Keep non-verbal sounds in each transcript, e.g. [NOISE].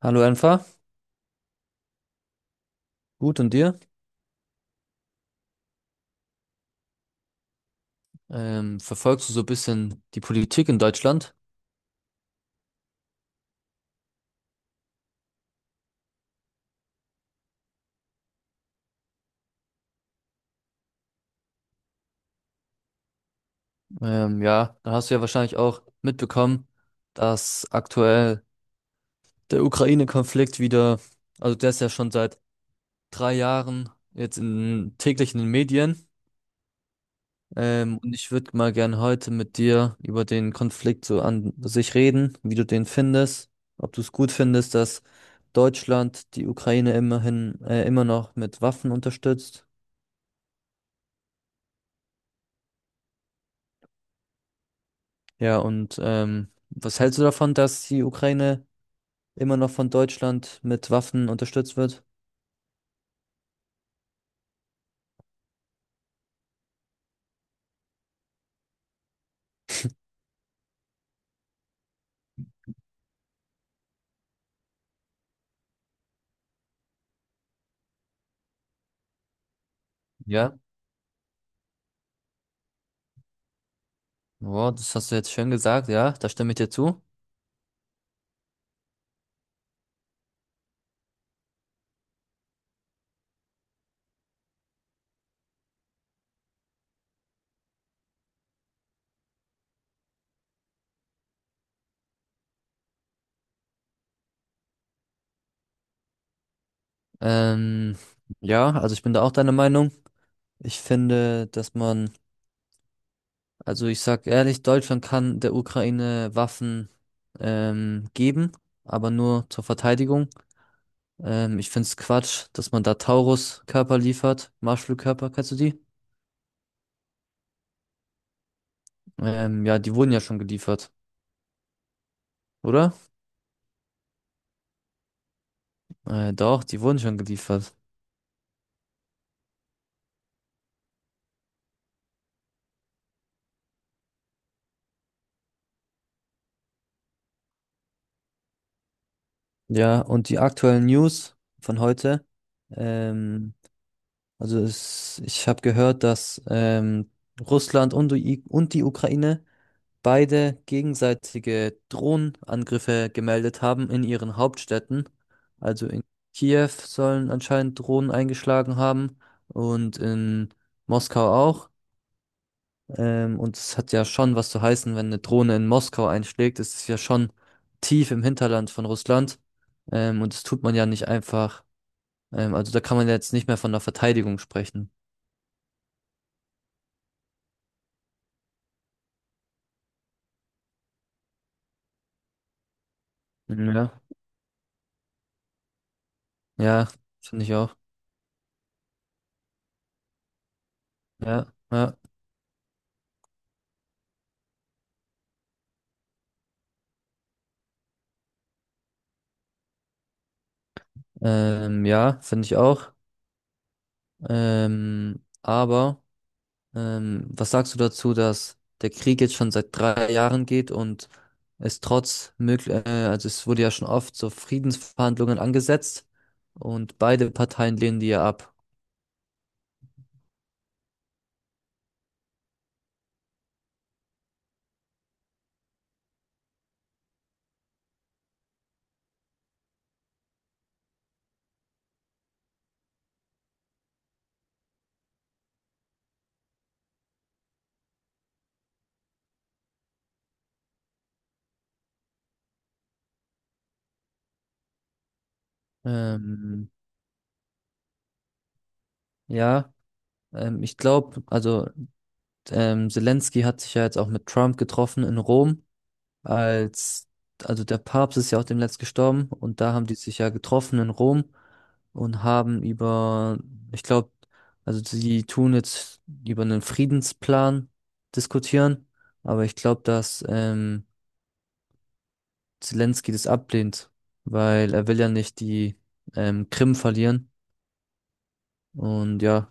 Hallo Enfa. Gut und dir? Verfolgst du so ein bisschen die Politik in Deutschland? Ja, dann hast du ja wahrscheinlich auch mitbekommen, dass aktuell der Ukraine-Konflikt wieder, also der ist ja schon seit 3 Jahren jetzt in, täglich in den Medien. Und ich würde mal gerne heute mit dir über den Konflikt so an sich reden, wie du den findest, ob du es gut findest, dass Deutschland die Ukraine immerhin immer noch mit Waffen unterstützt. Ja, und was hältst du davon, dass die Ukraine immer noch von Deutschland mit Waffen unterstützt wird? Ja, wow, das hast du jetzt schön gesagt, ja, da stimme ich dir zu. Ähm, ja, also ich bin da auch deiner Meinung. Ich finde, dass man, also ich sag ehrlich, Deutschland kann der Ukraine Waffen geben, aber nur zur Verteidigung. Ich find's Quatsch, dass man da Taurus-Körper liefert, Marschflugkörper, kennst du die? Ja, die wurden ja schon geliefert, oder? Doch, die wurden schon geliefert. Ja, und die aktuellen News von heute. Ähm, also es, ich habe gehört, dass Russland und die Ukraine beide gegenseitige Drohnenangriffe gemeldet haben in ihren Hauptstädten. Also in Kiew sollen anscheinend Drohnen eingeschlagen haben und in Moskau auch. Und es hat ja schon was zu heißen, wenn eine Drohne in Moskau einschlägt. Es ist ja schon tief im Hinterland von Russland. Und das tut man ja nicht einfach. Also da kann man ja jetzt nicht mehr von der Verteidigung sprechen. Ja. Ja, finde ich auch. Ja, ja. Ja, finde ich auch. Ähm, aber. Was sagst du dazu, dass der Krieg jetzt schon seit 3 Jahren geht und also es wurde ja schon oft so Friedensverhandlungen angesetzt und beide Parteien lehnen die ja ab. Ähm, ja, ich glaube, also Zelensky hat sich ja jetzt auch mit Trump getroffen in Rom als, also der Papst ist ja auch demnächst gestorben und da haben die sich ja getroffen in Rom und haben über, ich glaube, also sie tun jetzt über einen Friedensplan diskutieren, aber ich glaube, dass Zelensky das ablehnt, weil er will ja nicht die Krim verlieren und ja,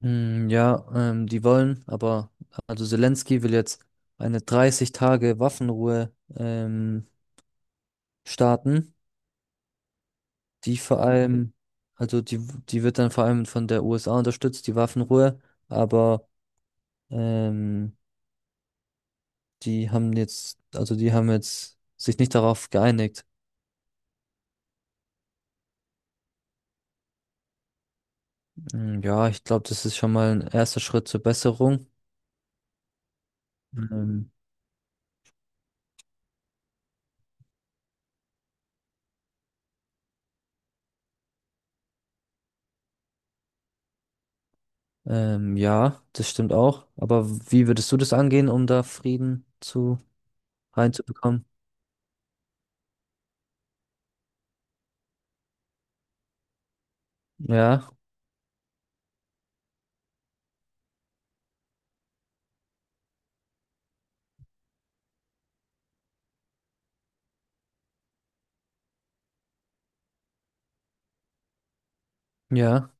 ja, die wollen, aber also Zelensky will jetzt eine 30 Tage Waffenruhe starten. Die vor allem, also die wird dann vor allem von der USA unterstützt, die Waffenruhe, aber ähm, die haben jetzt sich nicht darauf geeinigt. Mm, ja, ich glaube, das ist schon mal ein erster Schritt zur Besserung. Ähm, ja, das stimmt auch. Aber wie würdest du das angehen, um da Frieden zu reinzubekommen? Ja, ja,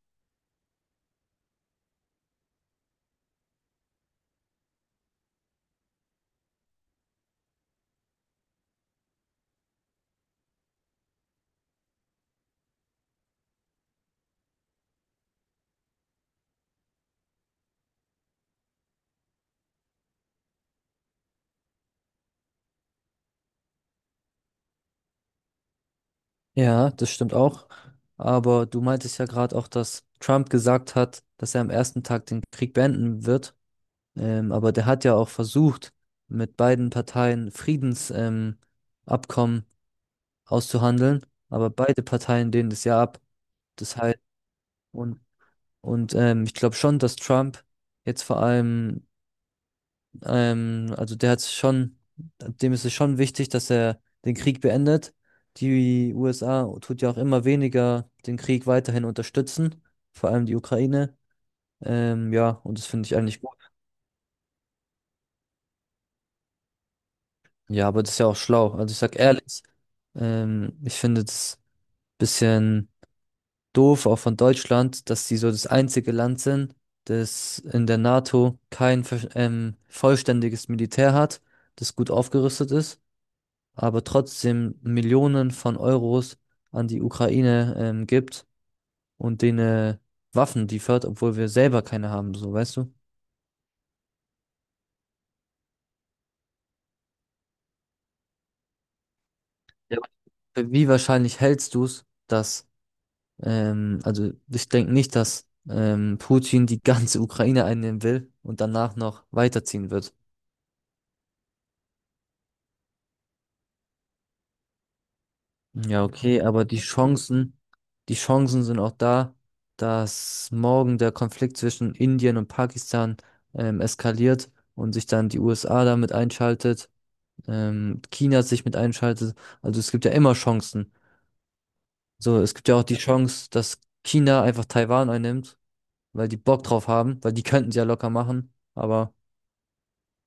ja, das stimmt auch. Aber du meintest ja gerade auch, dass Trump gesagt hat, dass er am ersten Tag den Krieg beenden wird. Aber der hat ja auch versucht, mit beiden Parteien Friedensabkommen Abkommen auszuhandeln, aber beide Parteien lehnen das ja ab. Das heißt, und, und Ich glaube schon, dass Trump jetzt vor allem, also der hat schon, dem ist es schon wichtig, dass er den Krieg beendet. Die USA tut ja auch immer weniger den Krieg weiterhin unterstützen, vor allem die Ukraine. Ja, und das finde ich eigentlich. Ja, aber das ist ja auch schlau. Also ich sag ehrlich, ich finde das bisschen doof, auch von Deutschland, dass sie so das einzige Land sind, das in der NATO kein vollständiges Militär hat, das gut aufgerüstet ist, aber trotzdem Millionen von Euros an die Ukraine gibt und denen äh, Waffen liefert, obwohl wir selber keine haben, so weißt du? Ja. Für Wie wahrscheinlich hältst du es, dass. Also ich denke nicht, dass Putin die ganze [LAUGHS] Ukraine einnehmen will und danach noch weiterziehen wird. Ja, okay, aber die Chancen sind auch da, dass morgen der Konflikt zwischen Indien und Pakistan eskaliert und sich dann die USA damit einschaltet, China sich mit einschaltet. Also es gibt ja immer Chancen. So, es gibt ja auch die Chance, dass China einfach Taiwan einnimmt, weil die Bock drauf haben, weil die könnten sie ja locker machen,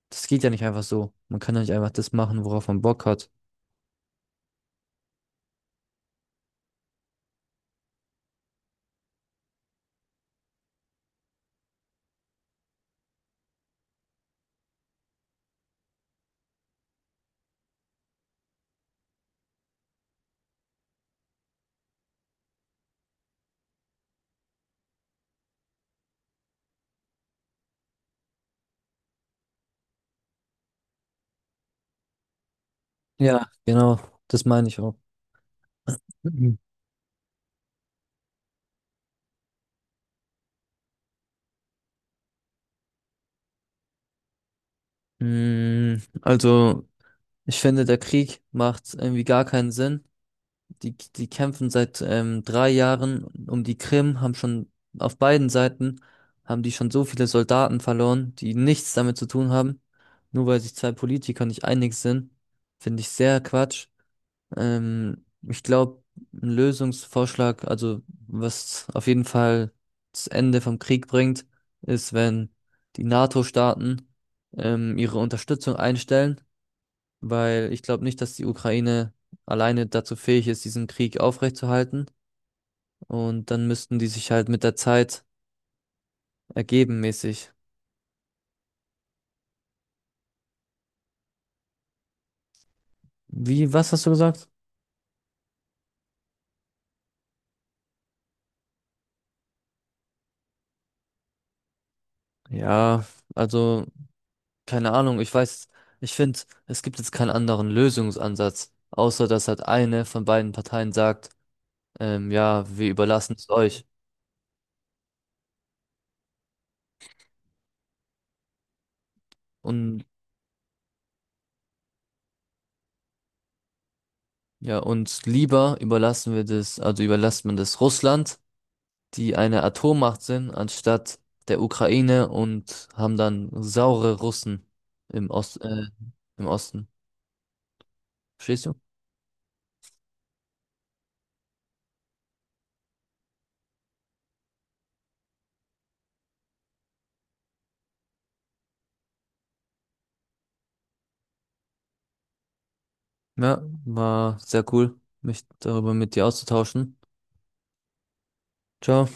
Das geht ja nicht einfach so. Man kann ja nicht einfach das machen, worauf man Bock hat. Ja, genau, das meine ich auch. Mhm. Mm, Also, ich finde, der Krieg macht irgendwie gar keinen Sinn. Die kämpfen seit 3 Jahren um die Krim, haben schon auf beiden Seiten, haben die schon so viele Soldaten verloren, die nichts damit zu tun haben. Nur weil sich zwei Politiker nicht einig sind, finde ich sehr Quatsch. Ich glaube, ein Lösungsvorschlag, also was auf jeden Fall das Ende vom Krieg bringt, ist, wenn die NATO-Staaten ihre Unterstützung einstellen, weil ich glaube nicht, dass die Ukraine alleine dazu fähig ist, diesen Krieg aufrechtzuerhalten. Und dann müssten die sich halt mit der Zeit ergeben mäßig. Wie, was hast du gesagt? Ja, also. Keine Ahnung, ich weiß, ich finde, es gibt jetzt keinen anderen Lösungsansatz, außer dass halt eine von beiden Parteien sagt, ja, wir überlassen es euch. Und ja, uns lieber überlassen wir das, also überlässt man das Russland, die eine Atommacht sind, anstatt der Ukraine und haben dann saure Russen im Osten. Verstehst du? Ja, war sehr cool, mich darüber mit dir auszutauschen. Ciao.